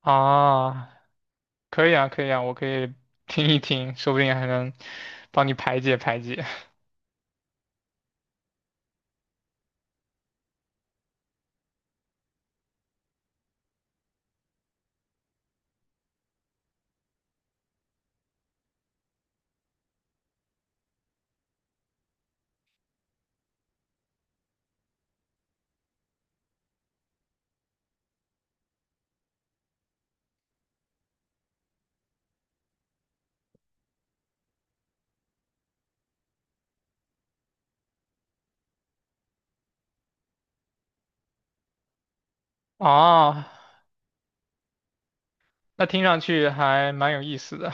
啊，可以啊，可以啊，我可以听一听，说不定还能帮你排解排解。啊，那听上去还蛮有意思的。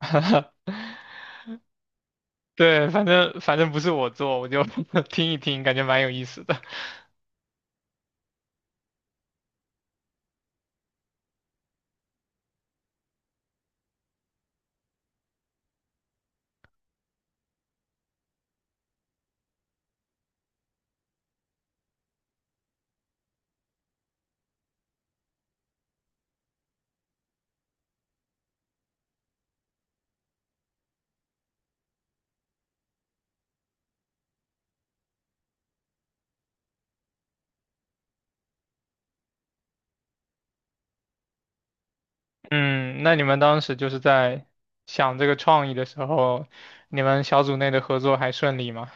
对，反正不是我做，我就 听一听，感觉蛮有意思的。嗯，那你们当时就是在想这个创意的时候，你们小组内的合作还顺利吗？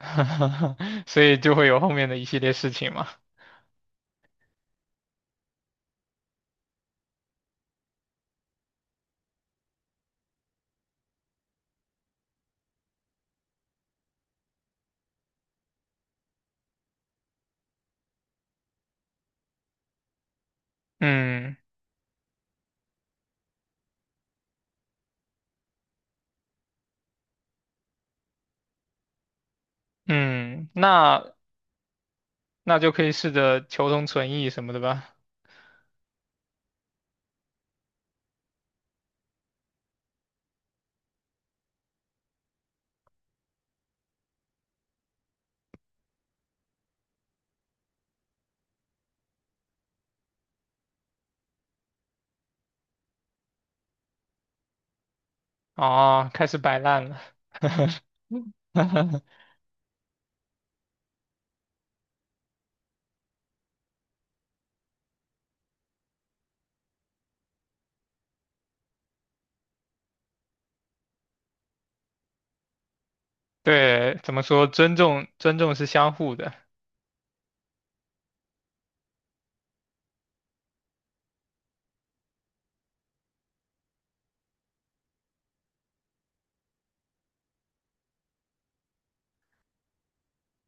所以就会有后面的一系列事情嘛。嗯嗯，那就可以试着求同存异什么的吧。哦，开始摆烂了。对，怎么说？尊重，尊重是相互的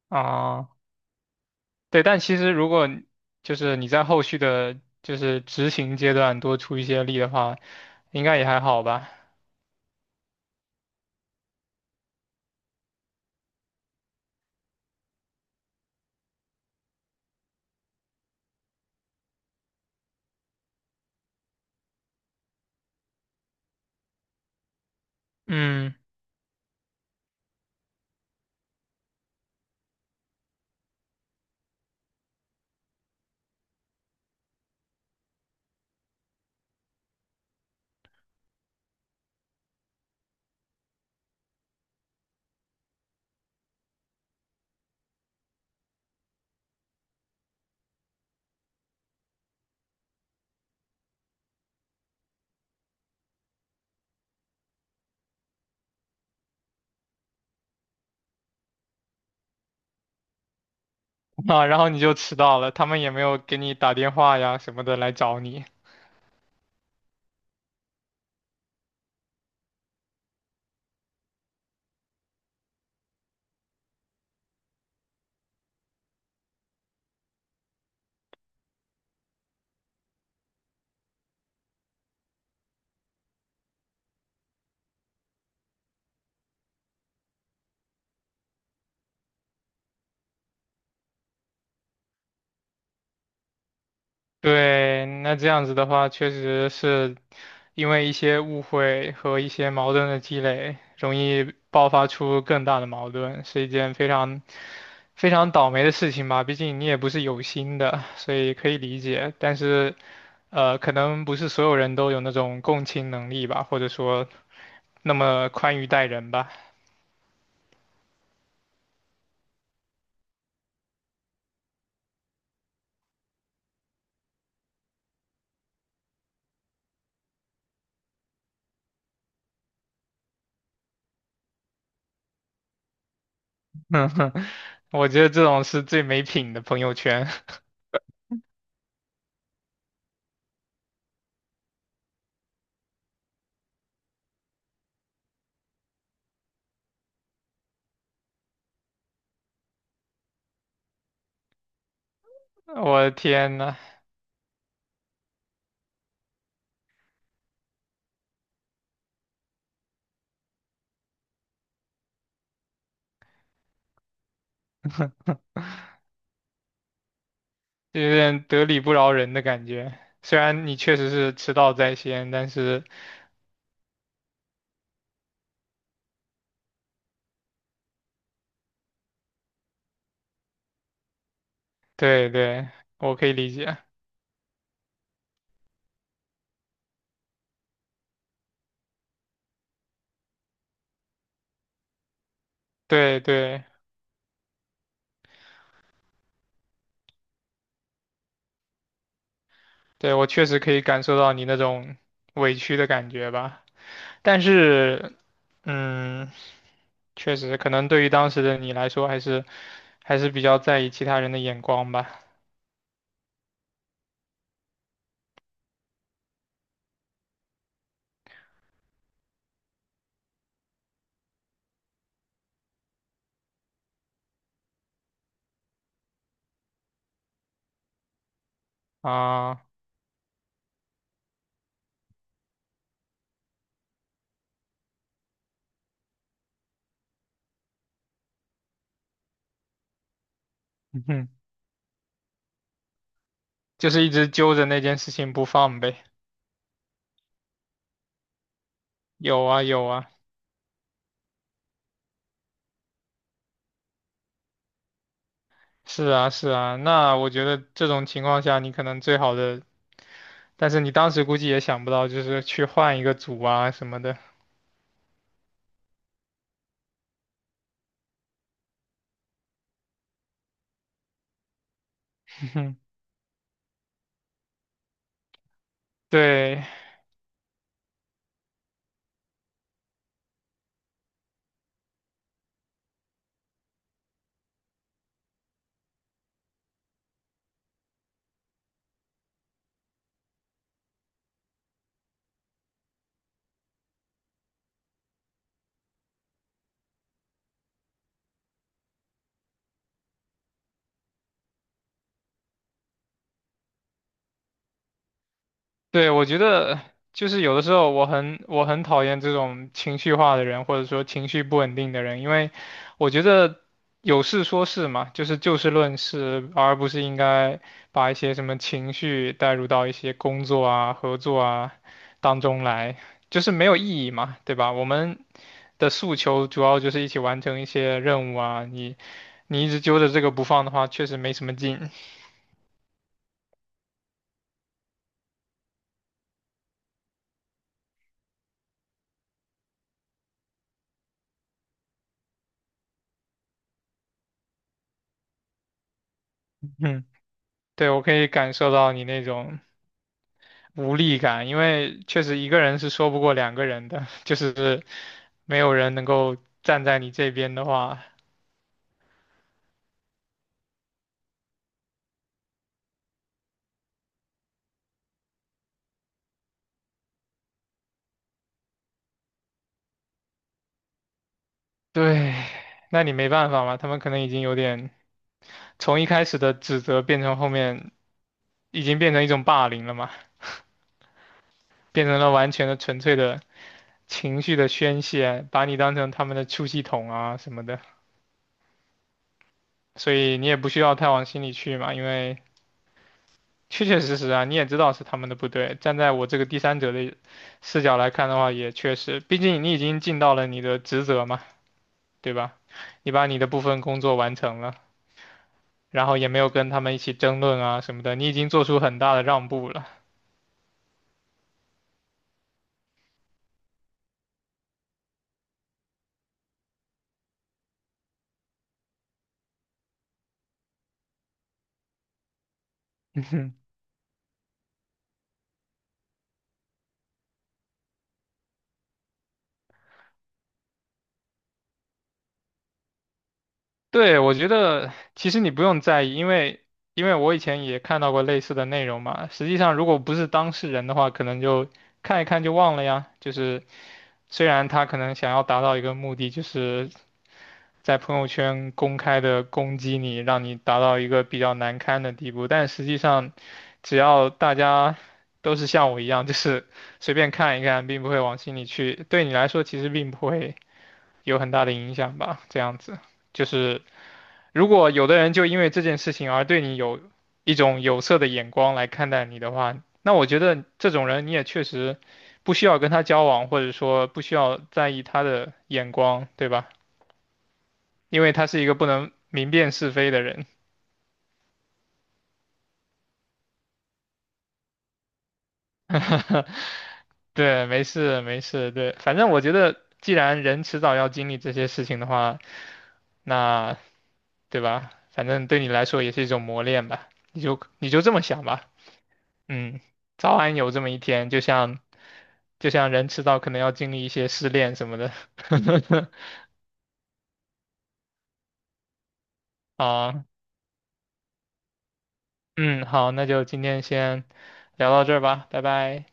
啊。对，但其实如果你就是你在后续的，就是执行阶段多出一些力的话，应该也还好吧。嗯，啊，然后你就迟到了，他们也没有给你打电话呀什么的来找你。对，那这样子的话，确实是因为一些误会和一些矛盾的积累，容易爆发出更大的矛盾，是一件非常非常倒霉的事情吧。毕竟你也不是有心的，所以可以理解。但是，可能不是所有人都有那种共情能力吧，或者说那么宽裕待人吧。我觉得这种是最没品的朋友圈。我的天呐！就有点得理不饶人的感觉。虽然你确实是迟到在先，但是对对，我可以理解，对对对，我确实可以感受到你那种委屈的感觉吧。但是，嗯，确实可能对于当时的你来说，还是还是比较在意其他人的眼光吧。啊，嗯哼，就是一直揪着那件事情不放呗。有啊有啊，是啊是啊。那我觉得这种情况下，你可能最好的。但是你当时估计也想不到，就是去换一个组啊什么的。对，对，我觉得就是有的时候我很讨厌这种情绪化的人，或者说情绪不稳定的人，因为我觉得有事说事嘛，就是就事论事，而不是应该把一些什么情绪带入到一些工作啊、合作啊当中来，就是没有意义嘛，对吧？我们的诉求主要就是一起完成一些任务啊，你你一直揪着这个不放的话，确实没什么劲。嗯，对，我可以感受到你那种无力感，因为确实一个人是说不过两个人的，就是没有人能够站在你这边的话，对，那你没办法嘛，他们可能已经有点从一开始的指责变成后面已经变成一种霸凌了嘛，变成了完全的纯粹的情绪的宣泄，把你当成他们的出气筒啊什么的。所以你也不需要太往心里去嘛，因为确确实实啊，你也知道是他们的不对。站在我这个第三者的视角来看的话，也确实，毕竟你已经尽到了你的职责嘛，对吧？你把你的部分工作完成了，然后也没有跟他们一起争论啊什么的，你已经做出很大的让步了。对，我觉得其实你不用在意，因为因为我以前也看到过类似的内容嘛。实际上，如果不是当事人的话，可能就看一看就忘了呀，就是。虽然他可能想要达到一个目的，就是在朋友圈公开的攻击你，让你达到一个比较难堪的地步，但实际上，只要大家都是像我一样，就是随便看一看，并不会往心里去，对你来说其实并不会有很大的影响吧，这样子。就是如果有的人就因为这件事情而对你有一种有色的眼光来看待你的话，那我觉得这种人你也确实不需要跟他交往，或者说不需要在意他的眼光，对吧？因为他是一个不能明辨是非的人。对，没事没事，对，反正我觉得既然人迟早要经历这些事情的话，那对吧？反正对你来说也是一种磨练吧，你就这么想吧。嗯，早晚有这么一天，就像人迟早可能要经历一些失恋什么的。啊，嗯，好，那就今天先聊到这儿吧，拜拜。